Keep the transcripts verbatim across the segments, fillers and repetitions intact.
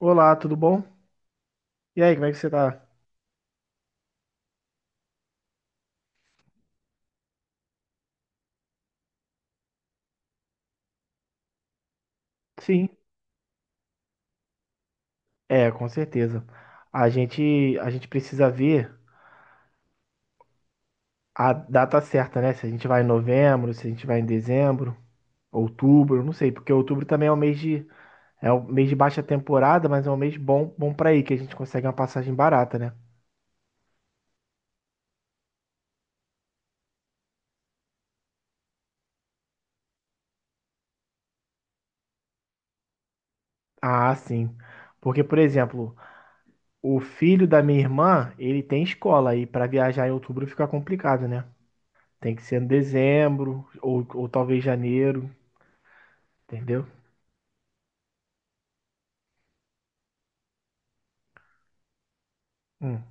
Olá, tudo bom? E aí, como é que você tá? Sim, é, com certeza. A gente, a gente precisa ver a data certa, né? Se a gente vai em novembro, se a gente vai em dezembro, outubro, não sei, porque outubro também é um mês de, é um mês de baixa temporada, mas é um mês bom, bom para ir, que a gente consegue uma passagem barata, né? Ah, sim. Porque, por exemplo, o filho da minha irmã, ele tem escola e para viajar em outubro fica complicado, né? Tem que ser em dezembro ou, ou talvez janeiro, entendeu? Hum,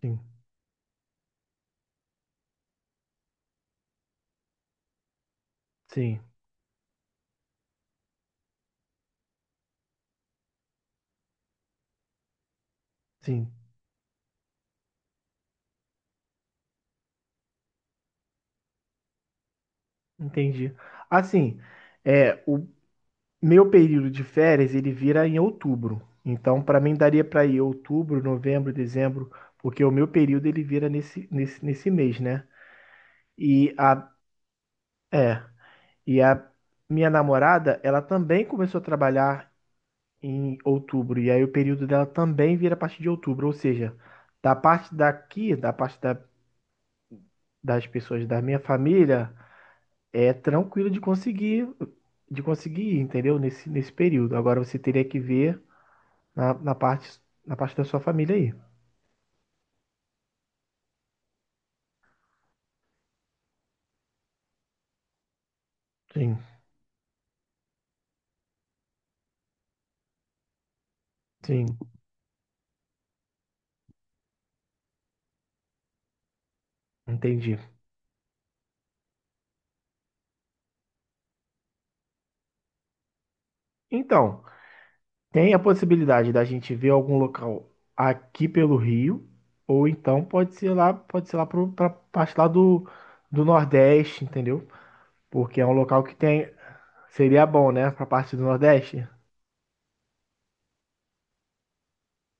sim. Sim, sim, entendi. Assim, é, o meu período de férias ele vira em outubro. Então, para mim daria para ir outubro, novembro, dezembro, porque o meu período ele vira nesse, nesse, nesse mês, né? E a, é, e a minha namorada, ela também começou a trabalhar em outubro, e aí o período dela também vira a partir de outubro, ou seja, da parte daqui, da parte da, das pessoas da minha família, é tranquilo de conseguir, de conseguir, entendeu? Nesse, nesse período. Agora você teria que ver na, na parte, na parte da sua família aí. Sim, sim, entendi. Então, tem a possibilidade da gente ver algum local aqui pelo Rio, ou então pode ser lá, pode ser lá para parte lá do, do Nordeste, entendeu? Porque é um local que tem, seria bom, né, para parte do Nordeste.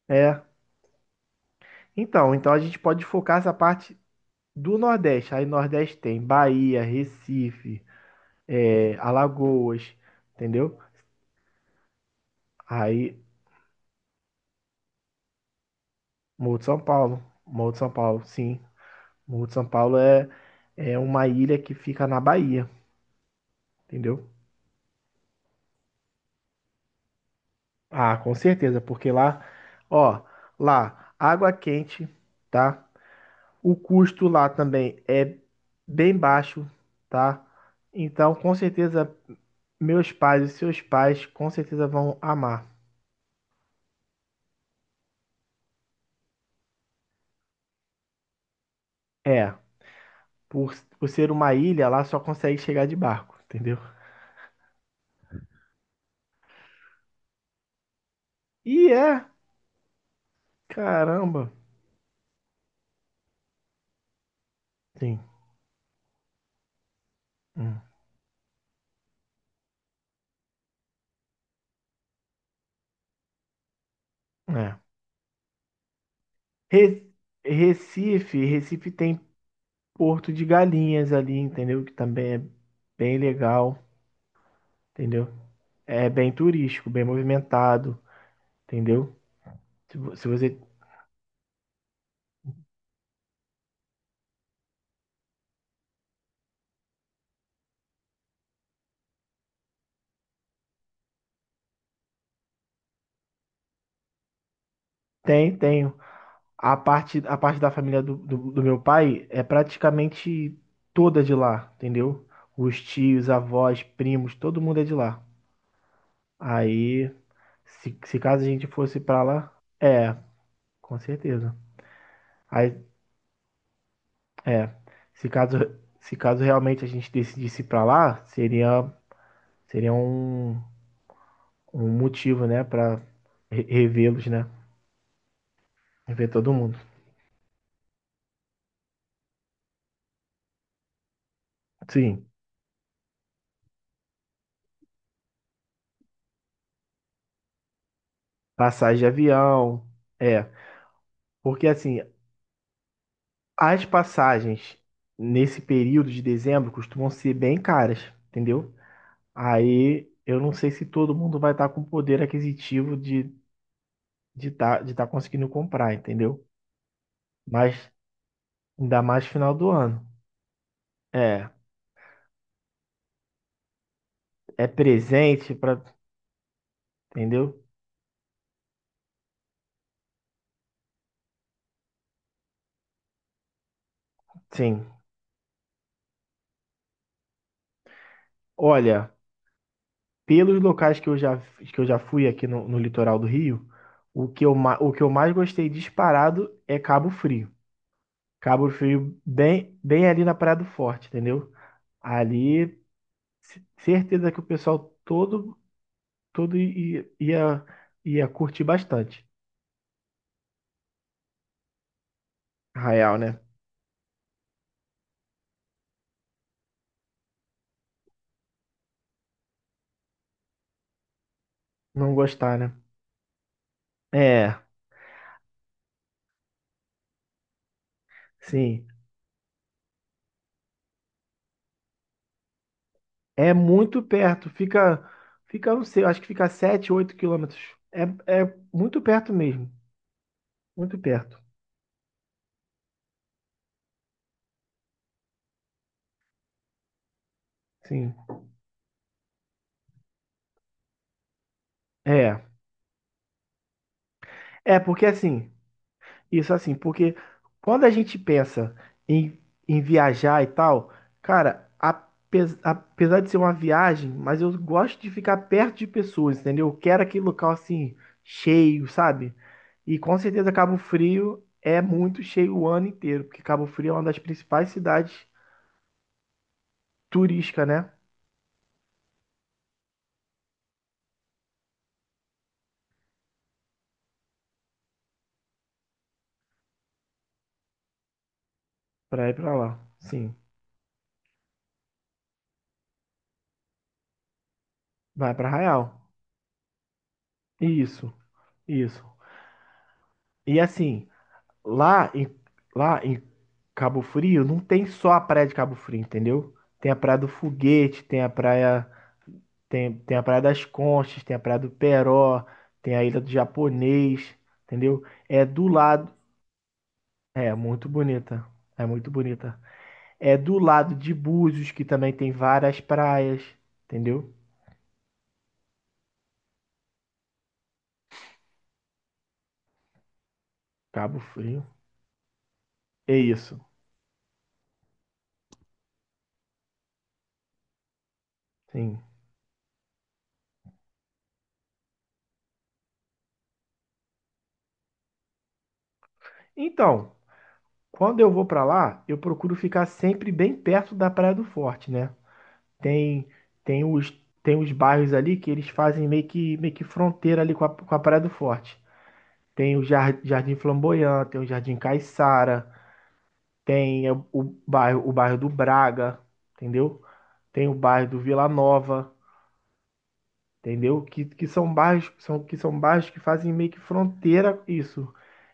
É. Então, então a gente pode focar essa parte do Nordeste. Aí Nordeste tem Bahia, Recife, é, Alagoas, entendeu? Aí Morro de São Paulo, Morro de São Paulo, sim. Morro de São Paulo é, é uma ilha que fica na Bahia, entendeu? Ah, com certeza, porque lá, ó, lá, água quente, tá? O custo lá também é bem baixo, tá? Então, com certeza, meus pais e seus pais com certeza vão amar. É. Por, por ser uma ilha, lá só consegue chegar de barco, entendeu? E é, caramba. Sim. Hum. É. Re- Recife, Recife tem Porto de Galinhas ali, entendeu? Que também é bem legal, entendeu? É bem turístico, bem movimentado, entendeu? Se, vo- se você. Tem, tenho. A parte, a parte da família do, do, do meu pai é praticamente toda de lá, entendeu? Os tios, avós, primos, todo mundo é de lá. Aí Se, se caso a gente fosse pra lá, é, com certeza. Aí, é, se caso, se caso realmente a gente decidisse ir pra lá, seria, seria um, um motivo, né, pra re- revê-los, né? Rever todo mundo. Sim, passagem de avião, é, porque assim, as passagens nesse período de dezembro costumam ser bem caras, entendeu? Aí eu não sei se todo mundo vai estar com poder aquisitivo de de estar de tá conseguindo comprar, entendeu? Mas ainda mais final do ano. É, é presente para, entendeu? Sim. Olha, pelos locais que eu já que eu já fui aqui no, no litoral do Rio, o que eu, ma- o que eu mais gostei disparado é Cabo Frio. Cabo Frio bem bem ali na Praia do Forte, entendeu? Ali, certeza que o pessoal todo todo i- i- ia ia curtir bastante. Arraial, né? Não gostar, né? É, sim. É muito perto, fica, fica, não sei, acho que fica sete, oito quilômetros. É, é muito perto mesmo, muito perto, sim. É, é porque assim, isso assim, porque quando a gente pensa em, em viajar e tal, cara, apes- apesar de ser uma viagem, mas eu gosto de ficar perto de pessoas, entendeu? Eu quero aquele local assim, cheio, sabe? E com certeza Cabo Frio é muito cheio o ano inteiro, porque Cabo Frio é uma das principais cidades turísticas, né? Pra ir pra lá. Sim. Vai pra Arraial. Isso, isso. E assim, lá em, lá em Cabo Frio, não tem só a praia de Cabo Frio, entendeu? Tem a praia do Foguete, tem a praia, tem, tem a praia das Conchas, tem a praia do Peró, tem a ilha do Japonês, entendeu? É do lado, é muito bonita. É muito bonita. É do lado de Búzios, que também tem várias praias, entendeu? Cabo Frio. É isso. Sim. Então, quando eu vou pra lá, eu procuro ficar sempre bem perto da Praia do Forte, né? Tem tem os tem os bairros ali que eles fazem meio que meio que fronteira ali com a, com a Praia do Forte. Tem o Jar- Jardim Flamboyant, tem o Jardim Caiçara, tem o, o bairro o bairro do Braga, entendeu? Tem o bairro do Vila Nova. Entendeu? Que, que são bairros, são, que são bairros que fazem meio que fronteira isso.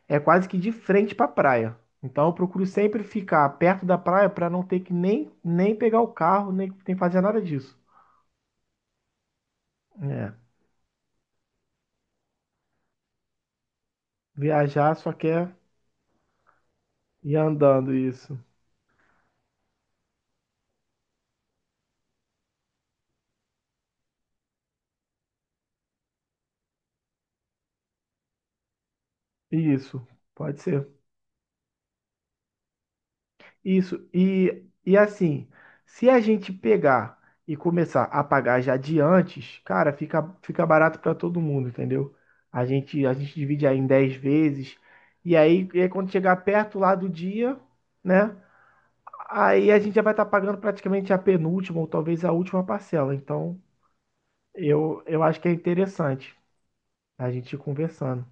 É quase que de frente para a praia. Então eu procuro sempre ficar perto da praia para não ter que nem, nem pegar o carro, nem, nem fazer nada disso. É. Viajar só quer ir andando, isso. Isso, pode ser. Isso, e, e assim, se a gente pegar e começar a pagar já de antes, cara, fica, fica barato para todo mundo, entendeu? A gente, a gente divide aí em dez vezes, e aí, e aí quando chegar perto lá do dia, né? Aí a gente já vai estar pagando praticamente a penúltima ou talvez a última parcela. Então, eu, eu acho que é interessante a gente ir conversando,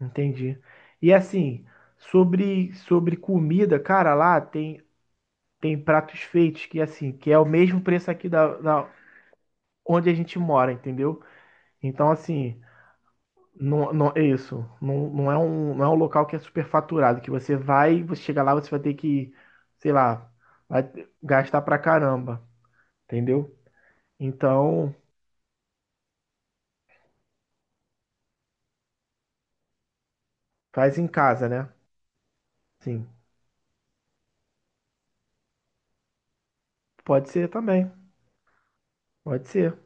entendi. E assim, sobre, sobre comida, cara, lá tem, tem pratos feitos que assim, que é o mesmo preço aqui da, da onde a gente mora, entendeu? Então assim, não, não é isso, não, não é um, não é um local que é superfaturado, que você vai, você chega lá, você vai ter que, sei lá, vai gastar pra caramba, entendeu? Então, faz em casa, né? Sim, pode ser também, pode ser.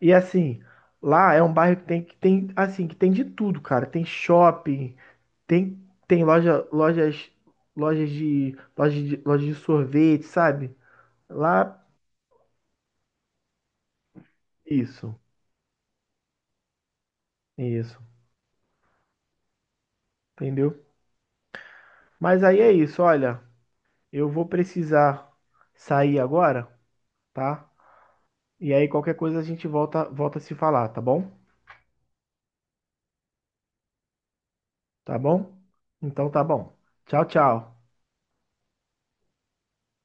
E assim, lá é um bairro que tem que tem assim, que tem de tudo, cara. Tem shopping, Tem, tem loja, lojas, lojas de, lojas de, lojas de sorvete, sabe? Lá, isso, isso, entendeu? Mas aí é isso, olha, eu vou precisar sair agora, tá? E aí qualquer coisa a gente volta, volta a se falar, tá bom? Tá bom? Então tá bom. Tchau, tchau.